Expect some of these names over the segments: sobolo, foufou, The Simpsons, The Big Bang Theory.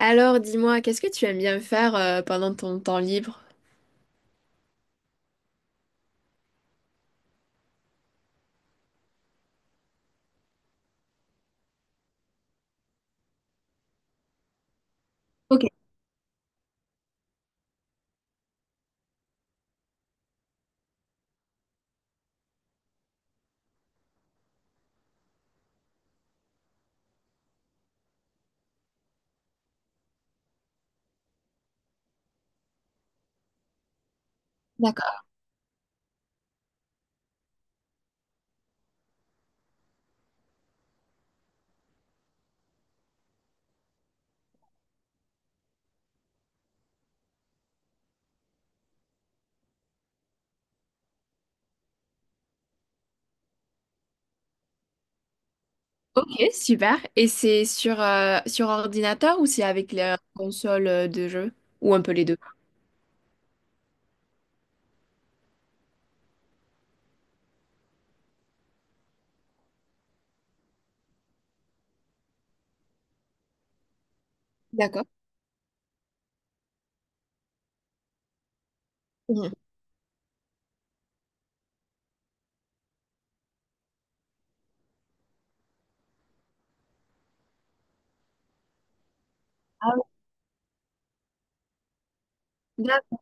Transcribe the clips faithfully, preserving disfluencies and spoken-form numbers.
Alors, dis-moi, qu'est-ce que tu aimes bien faire euh, pendant ton temps libre? Ok, d'accord. Ok, super. Et c'est sur, euh, sur ordinateur ou c'est avec la console euh, de jeu? Ou un peu les deux? D'accord. Mhm. Ah ouais. D'ac-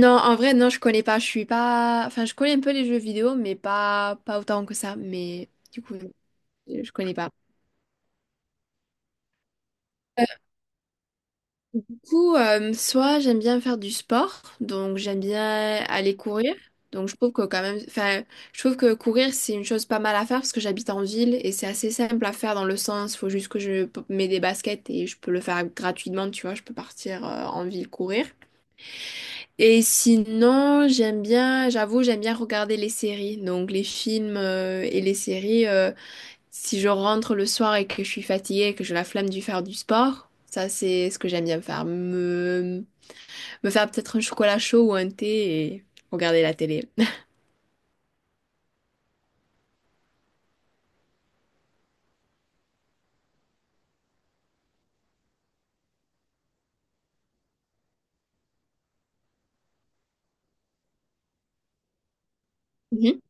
Non, en vrai, non, je connais pas. Je suis pas. Enfin, je connais un peu les jeux vidéo, mais pas, pas autant que ça. Mais du coup, je je connais pas. Du coup, euh, soit j'aime bien faire du sport, donc j'aime bien aller courir. Donc je trouve que quand même, enfin, je trouve que courir c'est une chose pas mal à faire parce que j'habite en ville et c'est assez simple à faire dans le sens, faut juste que je p- mets des baskets et je peux le faire gratuitement, tu vois, je peux partir euh, en ville courir. Et sinon, j'aime bien, j'avoue, j'aime bien regarder les séries, donc les films euh, et les séries. Euh, si je rentre le soir et que je suis fatiguée et que j'ai la flemme de faire du sport, ça c'est ce que j'aime bien faire. Me me faire peut-être un chocolat chaud ou un thé et regarder la télé. Mhm.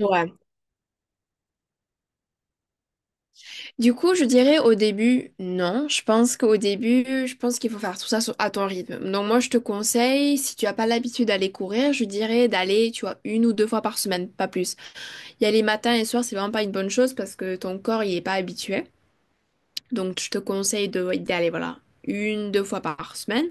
Ouais. Du coup, je dirais au début, non. Je pense qu'au début, je pense qu'il faut faire tout ça sur- à ton rythme. Donc moi, je te conseille, si tu n'as pas l'habitude d'aller courir, je dirais d'aller, tu vois, une ou deux fois par semaine, pas plus. Y aller matin et soir, c'est vraiment pas une bonne chose parce que ton corps, il est pas habitué. Donc je te conseille de, d'aller, voilà, une, deux fois par semaine.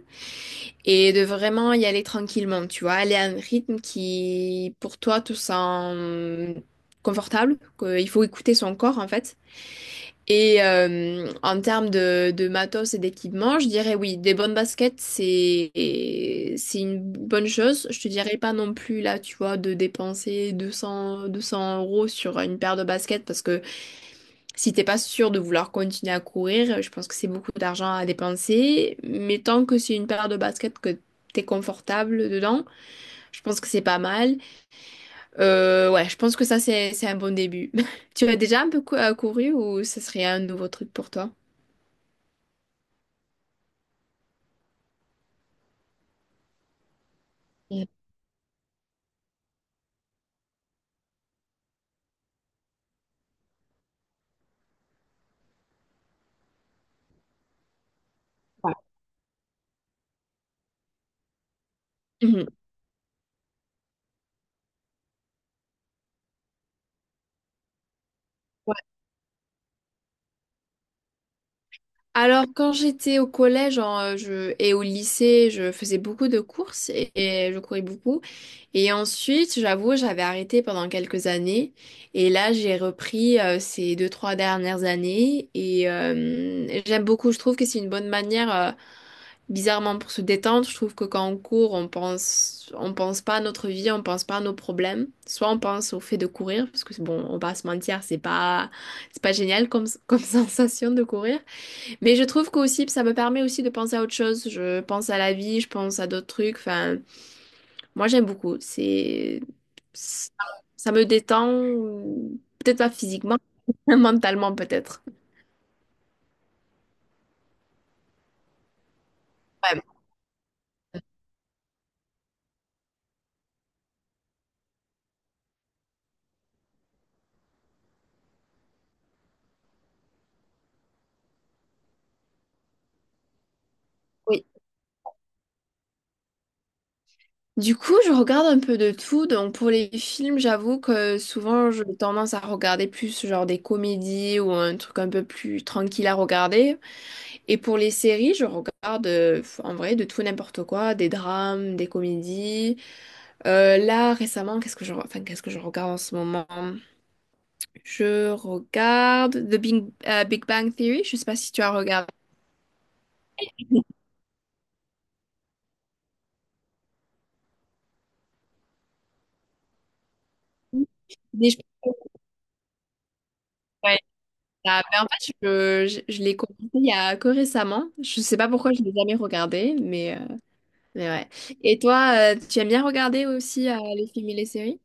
Et de vraiment y aller tranquillement, tu vois, aller à un rythme qui, pour toi, te sent confortable, qu'il faut écouter son corps, en fait. Et euh, en termes de, de matos et d'équipement, je dirais oui, des bonnes baskets, c'est c'est une bonne chose. Je te dirais pas non plus, là, tu vois, de dépenser deux cents, deux cents euros sur une paire de baskets, parce que si t'es pas sûr de vouloir continuer à courir, je pense que c'est beaucoup d'argent à dépenser. Mais tant que c'est une paire de baskets que t'es confortable dedans, je pense que c'est pas mal. Euh, ouais, je pense que ça, c'est, c'est un bon début. Tu as déjà un peu cou- euh, couru ou ce serait un nouveau truc pour toi? Mm. Ouais. Mhm. Alors, quand j'étais au collège en, euh, je, et au lycée, je faisais beaucoup de courses et, et je courais beaucoup. Et ensuite, j'avoue, j'avais arrêté pendant quelques années. Et là, j'ai repris euh, ces deux, trois dernières années. Et euh, j'aime beaucoup. Je trouve que c'est une bonne manière, euh, bizarrement, pour se détendre. Je trouve que quand on court, on pense, on pense pas à notre vie, on pense pas à nos problèmes. Soit on pense au fait de courir, parce que bon, on va pas se mentir, c'est pas, c'est pas génial comme, comme sensation de courir. Mais je trouve qu'aussi, ça me permet aussi de penser à autre chose. Je pense à la vie, je pense à d'autres trucs. Enfin, moi, j'aime beaucoup. C'est, ça ça me détend, peut-être pas physiquement, mentalement peut-être. Ouais, oui. Du coup, je regarde un peu de tout. Donc, pour les films, j'avoue que souvent, j'ai tendance à regarder plus genre des comédies ou un truc un peu plus tranquille à regarder. Et pour les séries, je regarde euh, en vrai de tout n'importe quoi, des drames, des comédies. Euh, là, récemment, qu'est-ce que je, re- enfin, qu'est-ce que je regarde en ce moment? Je regarde The Big, euh, Big Bang Theory. Je sais pas si tu as regardé. Mais je- ouais, ça- mais en fait, je, je, je l'ai commencé il y a que récemment. Je sais pas pourquoi je l'ai jamais regardé, mais, euh, mais ouais. Et toi, euh, tu aimes bien regarder aussi euh, les films et les séries?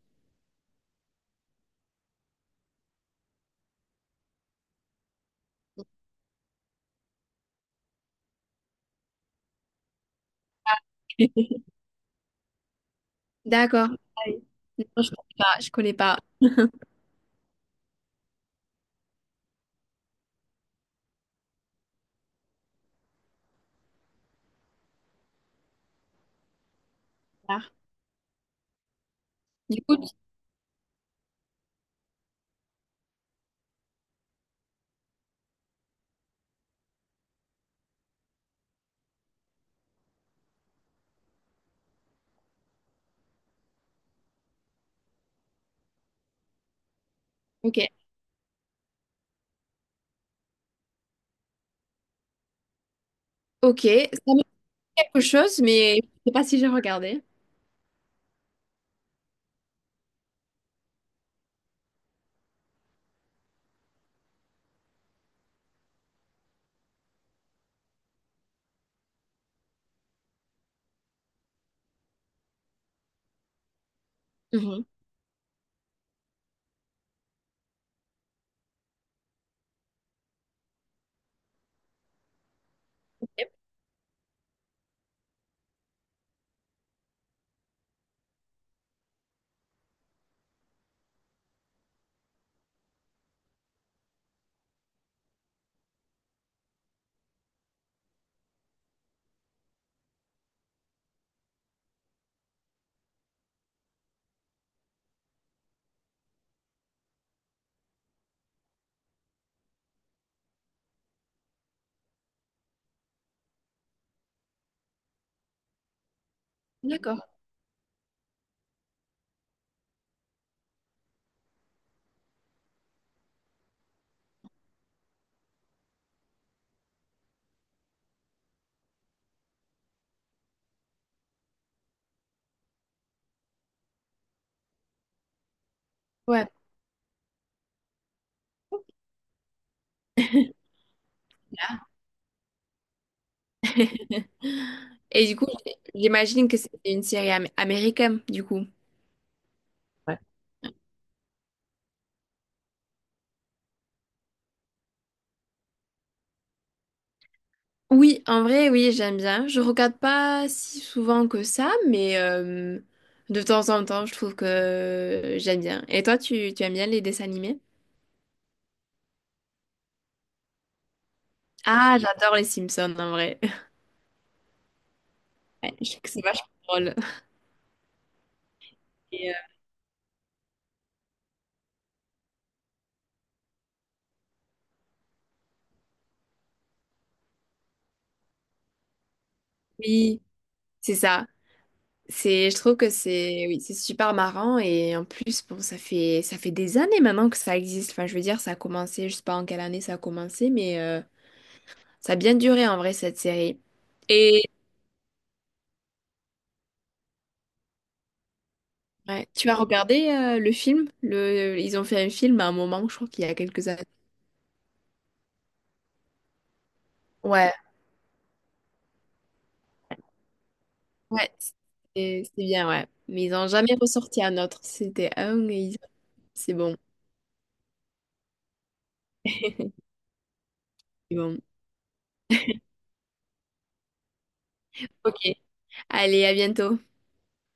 D'accord. Ah oui. Non, je connais pas. Je connais pas. Ah. Du coup, tu- ok. Ok, ça me dit quelque chose, mais je sais pas si j'ai regardé. Mhm. D'accord. Ouais. Et du coup, j'imagine que c'est une série am- américaine, du coup. Oui, en vrai, oui, j'aime bien. Je regarde pas si souvent que ça, mais euh, de temps en temps, je trouve que j'aime bien. Et toi, tu, tu aimes bien les dessins animés? Ah, j'adore les Simpsons, en vrai. Ouais, je trouve que c'est vachement drôle. Et, euh, oui, c'est ça. C'est, je trouve que c'est, oui, c'est super marrant et en plus, bon, ça fait, ça fait des années maintenant que ça existe. Enfin, je veux dire, ça a commencé, je sais pas en quelle année ça a commencé, mais euh, ça a bien duré en vrai cette série. Et ouais, tu as regardé euh, le film? Le, ils ont fait un film à un moment, je crois qu'il y a quelques années. Ouais, ouais, c'est c'est bien, ouais. Mais ils n'ont jamais ressorti un autre. C'était un et ils- c'est bon, c'est bon. Ok, allez, à bientôt.